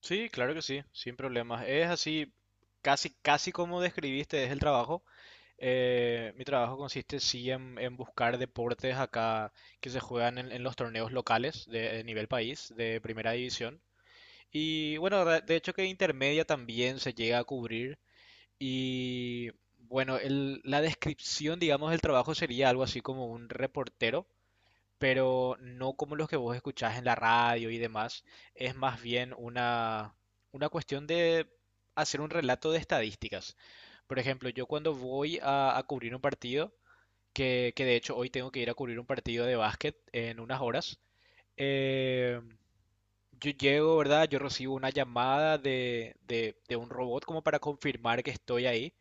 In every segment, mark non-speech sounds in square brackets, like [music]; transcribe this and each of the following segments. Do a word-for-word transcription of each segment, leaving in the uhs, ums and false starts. Sí, claro que sí, sin problemas. Es así, casi, casi como describiste, es el trabajo. Eh, mi trabajo consiste sí en, en buscar deportes acá que se juegan en, en los torneos locales de, de nivel país, de primera división. Y bueno, de de hecho que intermedia también se llega a cubrir. Y bueno, el- la descripción, digamos, del trabajo sería algo así como un reportero, pero no como los que vos escuchás en la radio y demás. Es más bien una, una cuestión de hacer un relato de estadísticas. Por ejemplo, yo cuando voy a, a cubrir un partido, que, que de hecho hoy tengo que ir a cubrir un partido de básquet en unas horas. eh, yo llego, ¿verdad? Yo recibo una llamada de, de, de un robot como para confirmar que estoy ahí.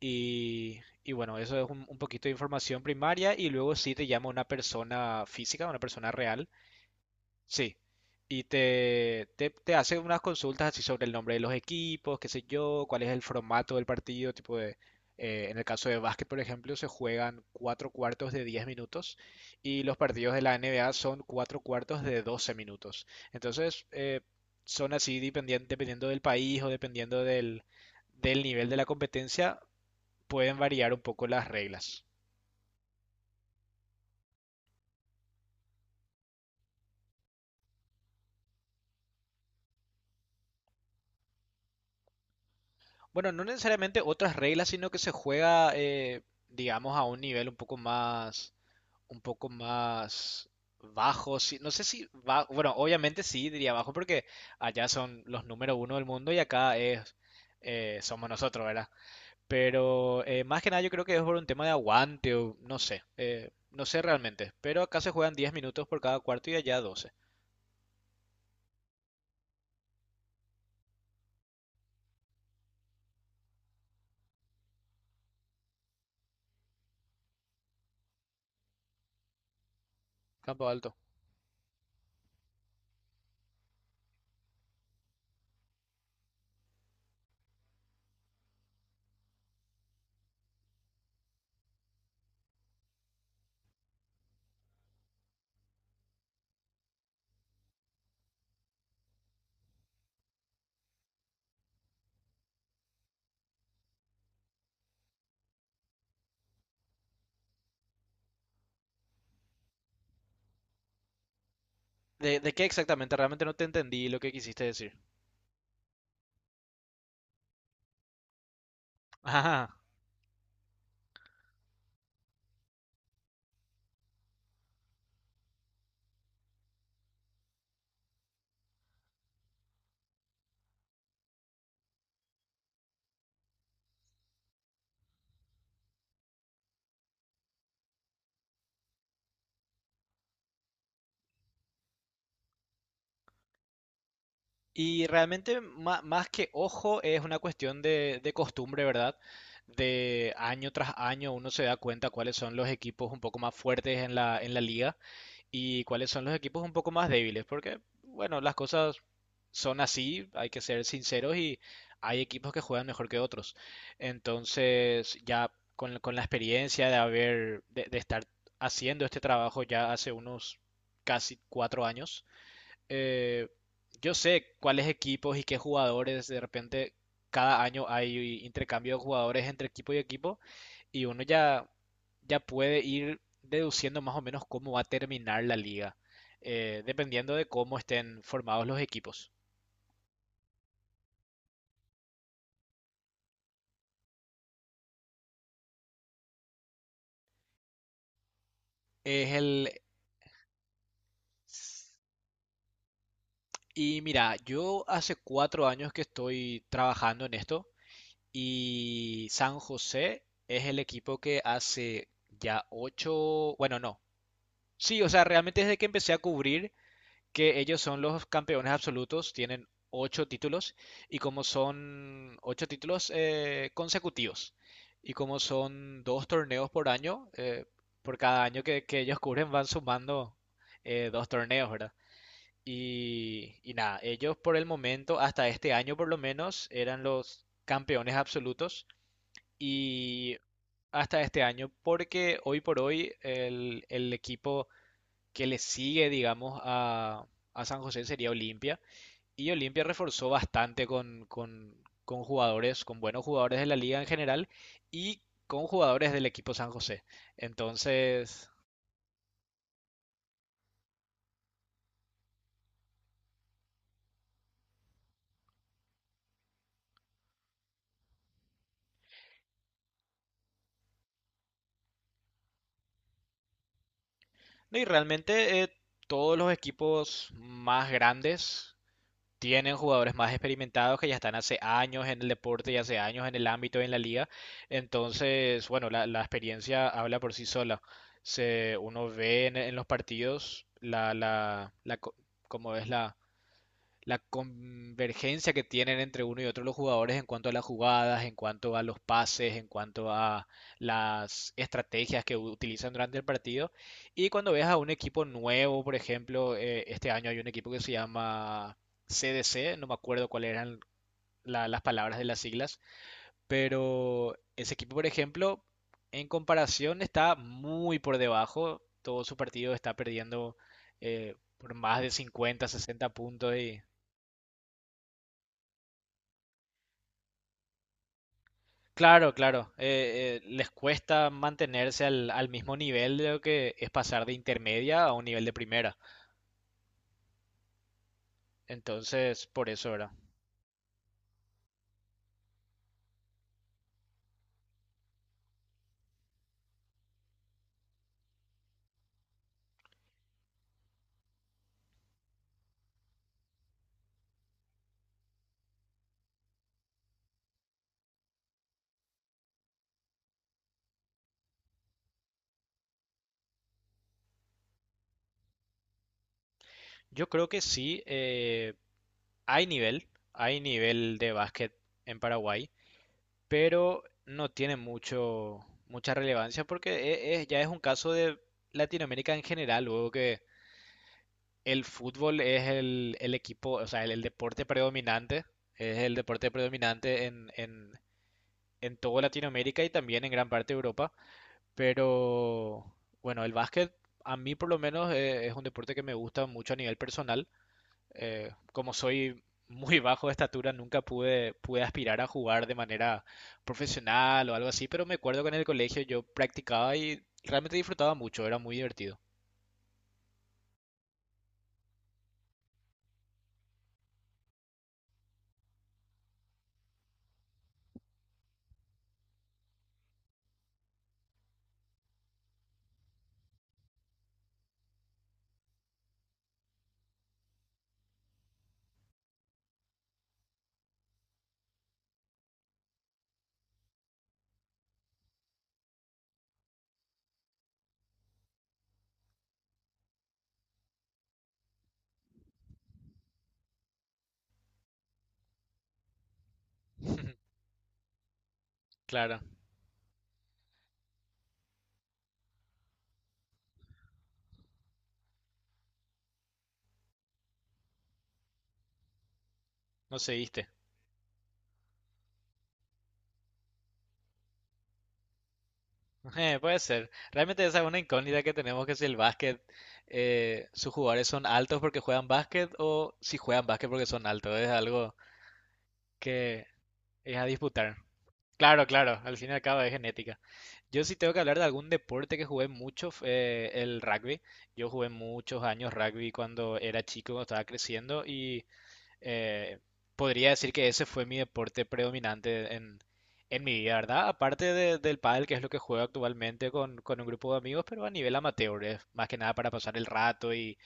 Y, y bueno, eso es un, un poquito de información primaria y luego sí te llama una persona física, una persona real. Sí, y te, te, te hace unas consultas así sobre el nombre de los equipos, qué sé yo, cuál es el formato del partido, tipo de, eh, en el caso de básquet, por ejemplo, se juegan cuatro cuartos de diez minutos y los partidos de la N B A son cuatro cuartos de doce minutos. Entonces, eh, son así dependien- dependiendo del país o dependiendo del, del nivel de la competencia, pueden variar un poco las reglas. Bueno, no necesariamente otras reglas, sino que se juega, eh, digamos, a un nivel un poco más un poco más bajo. Sí, no sé si va. Bueno, obviamente sí diría bajo porque allá son los número uno del mundo y acá es eh, somos nosotros, ¿verdad? Pero eh, más que nada yo creo que es por un tema de aguante o no sé, eh, no sé realmente, pero acá se juegan diez minutos por cada cuarto y allá doce. Campo Alto. ¿De, de qué exactamente? Realmente no te entendí lo que quisiste decir. [laughs] Y realmente ma- más que ojo es una cuestión de, de costumbre, ¿verdad? De año tras año uno se da cuenta cuáles son los equipos un poco más fuertes en la, en la liga y cuáles son los equipos un poco más débiles, porque, bueno, las cosas son así, hay que ser sinceros y hay equipos que juegan mejor que otros. Entonces, ya con, con la experiencia de haber, de de estar haciendo este trabajo ya hace unos casi cuatro años, eh, yo sé cuáles equipos y qué jugadores, de repente cada año hay intercambio de jugadores entre equipo y equipo y uno ya, ya puede ir deduciendo más o menos cómo va a terminar la liga, eh, dependiendo de cómo estén formados los equipos. Es el. Y mira, yo hace cuatro años que estoy trabajando en esto y San José es el equipo que hace ya ocho, bueno, no. Sí, o sea, realmente desde que empecé a cubrir que ellos son los campeones absolutos, tienen ocho títulos y como son ocho títulos eh, consecutivos y como son dos torneos por año, eh, por cada año que, que ellos cubren van sumando eh, dos torneos, ¿verdad? Y, y nada, ellos por el momento, hasta este año por lo menos, eran los campeones absolutos y hasta este año porque hoy por hoy el, el equipo que le sigue, digamos, a, a San José sería Olimpia. Y Olimpia reforzó bastante con, con, con jugadores, con buenos jugadores de la liga en general y con jugadores del equipo San José. Entonces, no, y realmente eh, todos los equipos más grandes tienen jugadores más experimentados que ya están hace años en el deporte y hace años en el ámbito y en la liga. Entonces, bueno, la, la experiencia habla por sí sola. Se, uno ve en, en los partidos la, la, la co- cómo es la, la convergencia que tienen entre uno y otro los jugadores en cuanto a las jugadas, en cuanto a los pases, en cuanto a las estrategias que utilizan durante el partido. Y cuando ves a un equipo nuevo, por ejemplo, eh, este año hay un equipo que se llama C D C, no me acuerdo cuáles eran la- las palabras de las siglas, pero ese equipo, por ejemplo, en comparación está muy por debajo, todo su partido está perdiendo eh, por más de cincuenta, sesenta puntos. Y claro, claro. Eh, eh, les cuesta mantenerse al, al mismo nivel de lo que es pasar de intermedia a un nivel de primera. Entonces, por eso, ¿verdad? Yo creo que sí, eh, hay nivel, hay nivel de básquet en Paraguay, pero no tiene mucho, mucha relevancia porque e- es- ya es un caso de Latinoamérica en general, luego que el fútbol es el, el equipo, o sea, el, el deporte predominante, es el deporte predominante en, en en toda Latinoamérica y también en gran parte de Europa. Pero bueno, el básquet a mí por lo menos eh, es un deporte que me gusta mucho a nivel personal. Eh, como soy muy bajo de estatura, nunca pude, pude aspirar a jugar de manera profesional o algo así, pero me acuerdo que en el colegio yo practicaba y realmente disfrutaba mucho, era muy divertido. [laughs] Claro, no seguiste. Eh, puede ser. Realmente esa es una incógnita que tenemos, que si el básquet, eh, sus jugadores son altos porque juegan básquet o si juegan básquet porque son altos. Es algo que es a disputar. Claro, claro, al fin y al cabo es genética. Yo sí tengo que hablar de algún deporte que jugué mucho, fue el rugby. Yo jugué muchos años rugby cuando era chico, cuando estaba creciendo y, eh, podría decir que ese fue mi deporte predominante en, en mi vida, ¿verdad? Aparte de- del pádel, que es lo que juego actualmente con, con un grupo de amigos, pero a nivel amateur, es más que nada para pasar el rato y,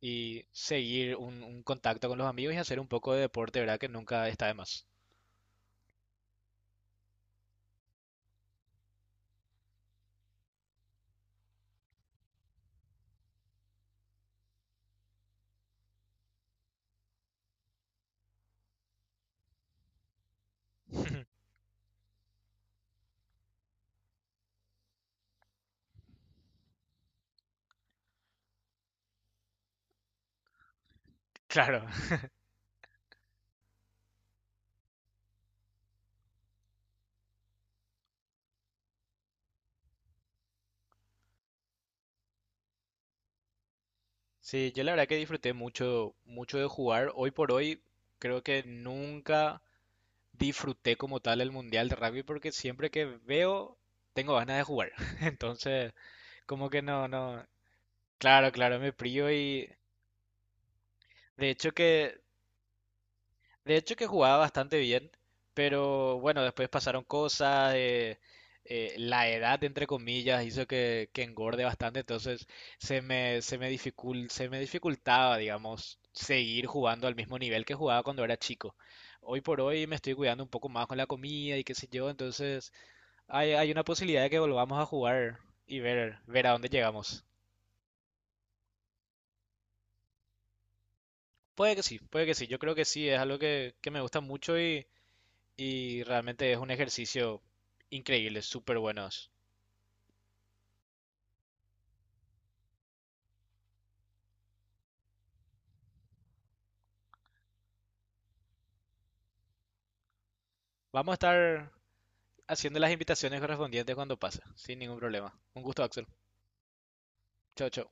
y seguir un, un contacto con los amigos y hacer un poco de deporte, ¿verdad? Que nunca está de más. [laughs] Claro. Sí, yo la verdad que disfruté mucho, mucho de jugar. Hoy por hoy creo que nunca disfruté como tal el mundial de rugby porque siempre que veo tengo ganas de jugar. [laughs] Entonces, como que no, no. Claro, claro, me prio y de hecho que de hecho que jugaba bastante bien, pero bueno, después pasaron cosas, eh, eh, la edad entre comillas hizo que, que engorde bastante, entonces se me se me dificul- se me dificultaba, digamos, seguir jugando al mismo nivel que jugaba cuando era chico. Hoy por hoy me estoy cuidando un poco más con la comida y qué sé yo, entonces Hay, hay una posibilidad de que volvamos a jugar y ver, ver a dónde llegamos. Puede que sí, puede que sí. Yo creo que sí, es algo que, que me gusta mucho y, y realmente es un ejercicio increíble, súper bueno. Vamos a estar haciendo las invitaciones correspondientes cuando pase, sin ningún problema. Un gusto, Axel. Chao, chao.